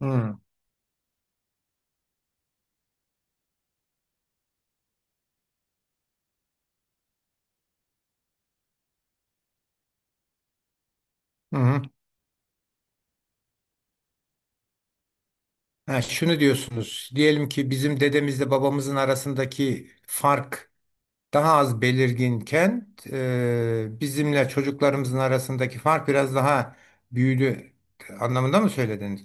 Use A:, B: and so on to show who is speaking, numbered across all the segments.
A: Hı hı. Hı. Ha, şunu diyorsunuz. Diyelim ki bizim dedemizle babamızın arasındaki fark daha az belirginken bizimle çocuklarımızın arasındaki fark biraz daha büyüdü anlamında mı söylediniz?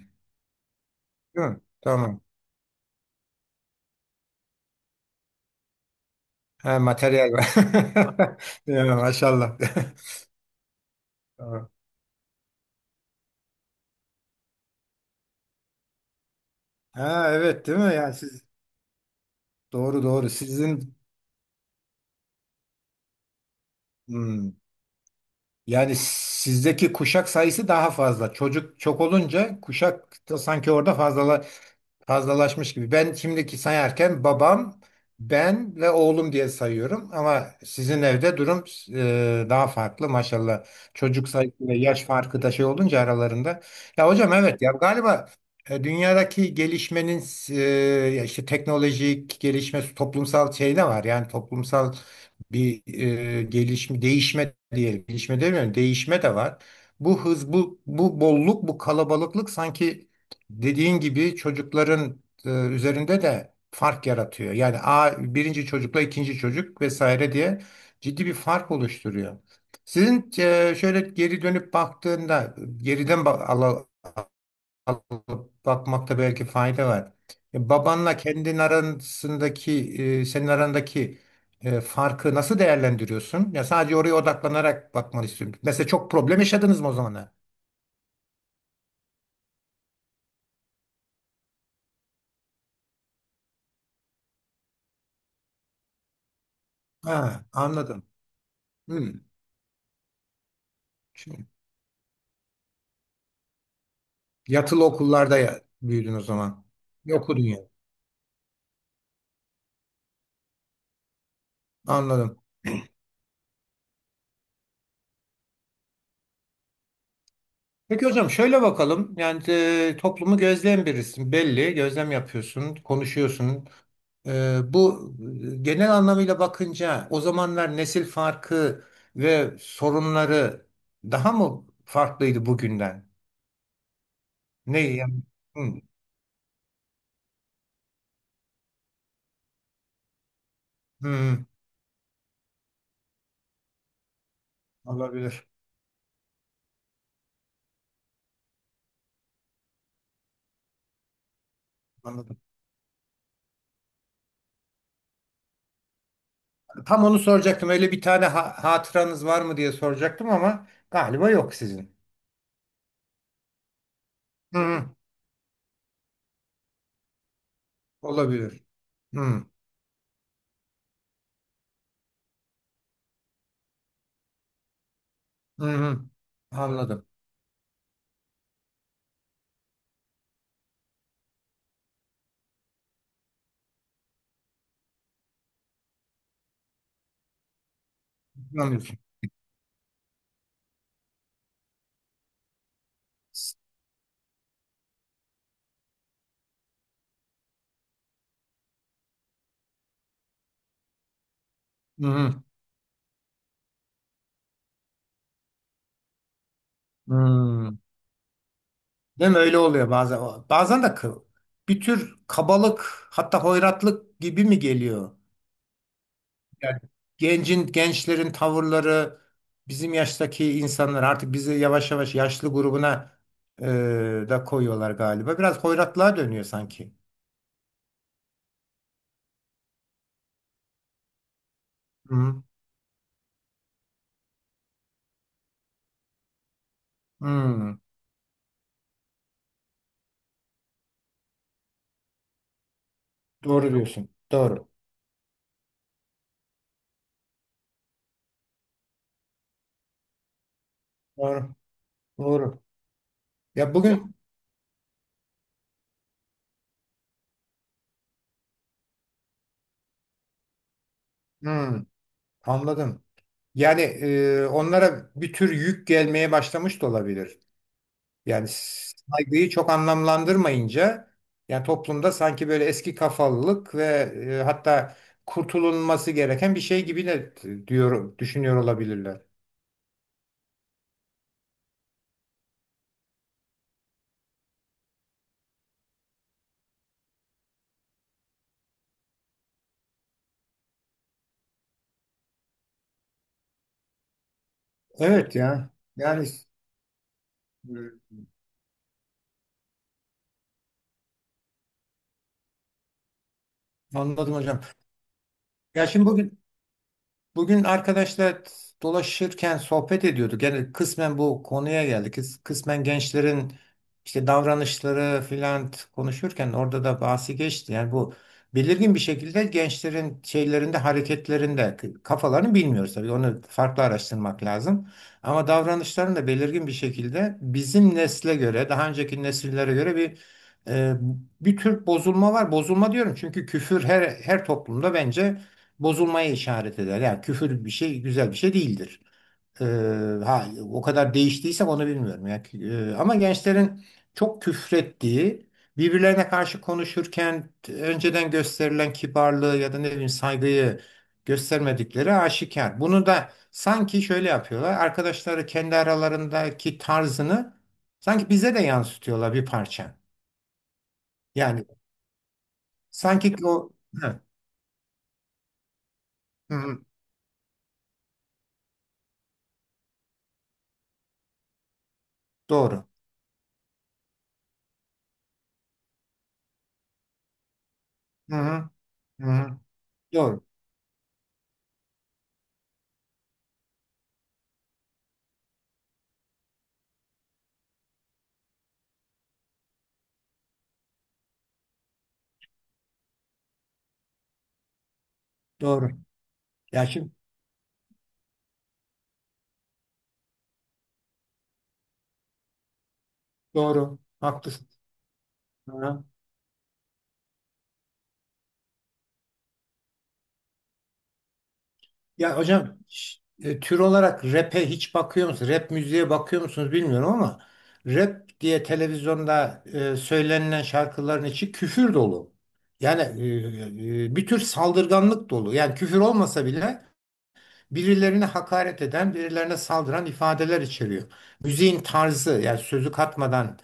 A: Değil mi? Tamam. Ha, materyal var. Ya, maşallah. Tamam. Ha, evet değil mi? Yani siz doğru doğru. Sizin hmm, yani sizdeki kuşak sayısı daha fazla. Çocuk çok olunca kuşak da sanki orada fazla fazlalaşmış gibi. Ben şimdiki sayarken babam, ben ve oğlum diye sayıyorum ama sizin evde durum daha farklı maşallah. Çocuk sayısı ve yaş farkı da şey olunca aralarında. Ya hocam evet ya galiba dünyadaki gelişmenin e, ya işte teknolojik gelişme toplumsal şey de var. Yani toplumsal bir gelişme değişme diyelim. Gelişme demiyorum, değişme de var. Bu hız, bu bolluk, bu kalabalıklık sanki dediğin gibi çocukların üzerinde de fark yaratıyor. Yani birinci çocukla ikinci çocuk vesaire diye ciddi bir fark oluşturuyor. Sizin şöyle geri dönüp baktığında geriden alıp bakmakta belki fayda var. Babanla kendin arasındaki senin arandaki farkı nasıl değerlendiriyorsun? Ya sadece oraya odaklanarak bakmanı istiyorum. Mesela çok problem yaşadınız mı o zamana? Ha, anladım. Hmm. Yatılı okullarda ya, büyüdün o zaman. Ne okudun yani. Anladım. Peki hocam şöyle bakalım. Yani toplumu gözleyen birisin. Belli. Gözlem yapıyorsun. Konuşuyorsun. Bu genel anlamıyla bakınca o zamanlar nesil farkı ve sorunları daha mı farklıydı bugünden? Ne yani? Hı, hı, olabilir. Anladım. Tam onu soracaktım. Öyle bir tane hatıranız var mı diye soracaktım ama galiba yok sizin. Hı hı. Olabilir. Hı. Hı hı. Anladım. Anlamıyorsun. Hı hı. Hı. Değil mi? Öyle oluyor bazen. Bazen de bir tür kabalık hatta hoyratlık gibi mi geliyor? Yani gencin, gençlerin tavırları bizim yaştaki insanlar artık bizi yavaş yavaş yaşlı grubuna da koyuyorlar galiba. Biraz hoyratlığa dönüyor sanki. Hı. Hı. Doğru diyorsun. Doğru. Doğru. Doğru. Ya bugün hı. Anladım. Yani onlara bir tür yük gelmeye başlamış da olabilir. Yani saygıyı çok anlamlandırmayınca yani toplumda sanki böyle eski kafalılık ve hatta kurtulunması gereken bir şey gibi de diyor düşünüyor olabilirler. Evet ya. Yani e, anladım hocam. Ya şimdi bugün arkadaşlar dolaşırken sohbet ediyorduk. Yani kısmen bu konuya geldik. Kısmen gençlerin işte davranışları filan konuşurken orada da bahsi geçti. Yani bu belirgin bir şekilde gençlerin şeylerinde, hareketlerinde kafalarını bilmiyoruz tabii. Onu farklı araştırmak lazım. Ama davranışların da belirgin bir şekilde bizim nesle göre, daha önceki nesillere göre e, bir tür bozulma var. Bozulma diyorum çünkü küfür her toplumda bence bozulmaya işaret eder. Yani küfür bir şey güzel bir şey değildir. Ee, ha o kadar değiştiyse onu bilmiyorum. Yani, ama gençlerin çok küfrettiği, birbirlerine karşı konuşurken önceden gösterilen kibarlığı ya da ne bileyim saygıyı göstermedikleri aşikar. Bunu da sanki şöyle yapıyorlar. Arkadaşları kendi aralarındaki tarzını sanki bize de yansıtıyorlar bir parça. Yani sanki o evet. Hı, hı, doğru. Hı, hı, hı, doğru. Doğru. Ya şimdi doğru, haklısın. Ha. Ya hocam tür olarak rap'e hiç bakıyor musunuz? Rap müziğe bakıyor musunuz bilmiyorum ama rap diye televizyonda söylenilen şarkıların içi küfür dolu. Yani bir tür saldırganlık dolu. Yani küfür olmasa bile birilerine hakaret eden, birilerine saldıran ifadeler içeriyor. Müziğin tarzı yani sözü katmadan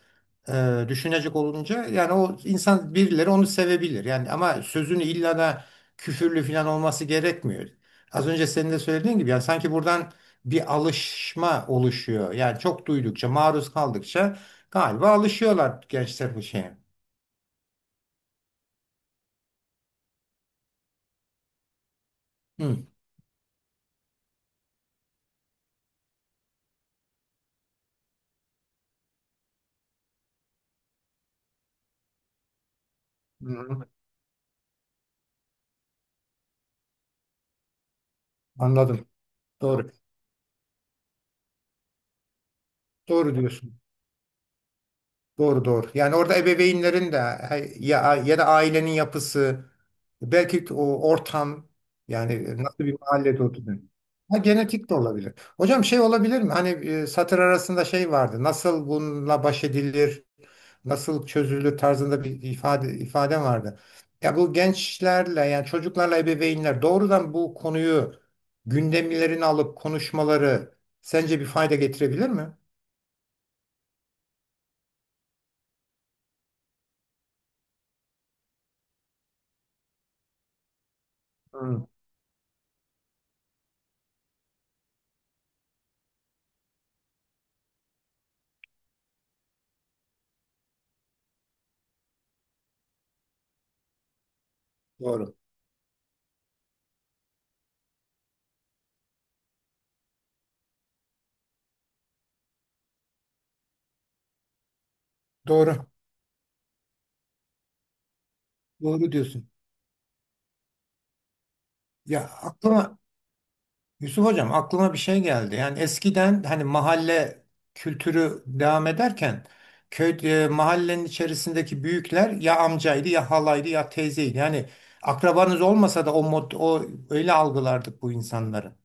A: düşünecek olunca yani o insan birileri onu sevebilir. Yani ama sözünü illa da küfürlü falan olması gerekmiyor. Az önce senin de söylediğin gibi yani sanki buradan bir alışma oluşuyor. Yani çok duydukça, maruz kaldıkça galiba alışıyorlar gençler bu şeye. Hı, hı. Anladım. Doğru. Doğru diyorsun. Doğru doğru. Yani orada ebeveynlerin de ya da ailenin yapısı belki o ortam yani nasıl bir mahallede oturuyorsun. Ha genetik de olabilir. Hocam şey olabilir mi? Hani satır arasında şey vardı. Nasıl bununla baş edilir? Nasıl çözülür tarzında bir ifade vardı. Ya bu gençlerle yani çocuklarla ebeveynler doğrudan bu konuyu gündemlerini alıp konuşmaları sence bir fayda getirebilir mi? Hı, doğru. Doğru. Doğru diyorsun. Ya Yusuf Hocam aklıma bir şey geldi. Yani eskiden hani mahalle kültürü devam ederken mahallenin içerisindeki büyükler ya amcaydı ya halaydı ya teyzeydi. Yani akrabanız olmasa da o öyle algılardık bu insanları.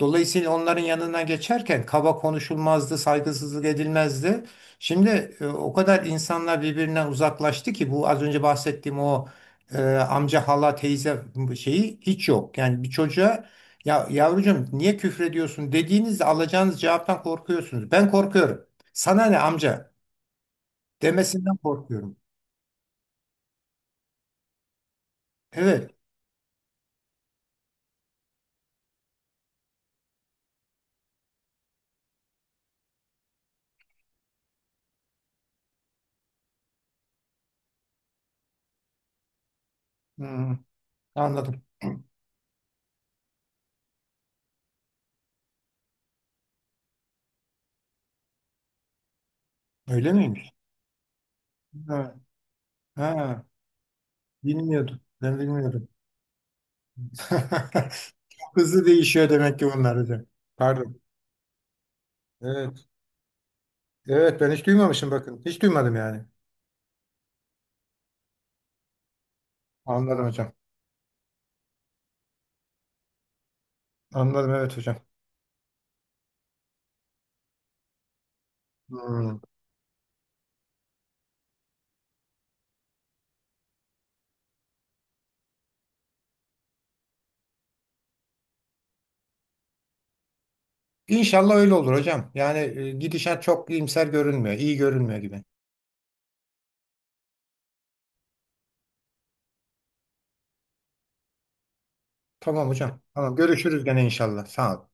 A: Dolayısıyla onların yanına geçerken kaba konuşulmazdı, saygısızlık edilmezdi. Şimdi o kadar insanlar birbirinden uzaklaştı ki bu az önce bahsettiğim o amca, hala, teyze şeyi hiç yok. Yani bir çocuğa ya yavrucuğum niye küfrediyorsun dediğinizde alacağınız cevaptan korkuyorsunuz. Ben korkuyorum. Sana ne amca demesinden korkuyorum. Evet. Hmm, Anladım. Öyle miymiş? Ha, ha, bilmiyordum. Ben bilmiyordum. Hızlı değişiyor demek ki bunlar hocam. Pardon. Evet. Evet ben hiç duymamışım bakın. Hiç duymadım yani. Anladım hocam. Anladım evet hocam. Hmm. İnşallah öyle olur hocam. Yani gidişat çok iyimser görünmüyor. İyi görünmüyor gibi. Tamam hocam. Tamam görüşürüz gene inşallah. Sağ ol.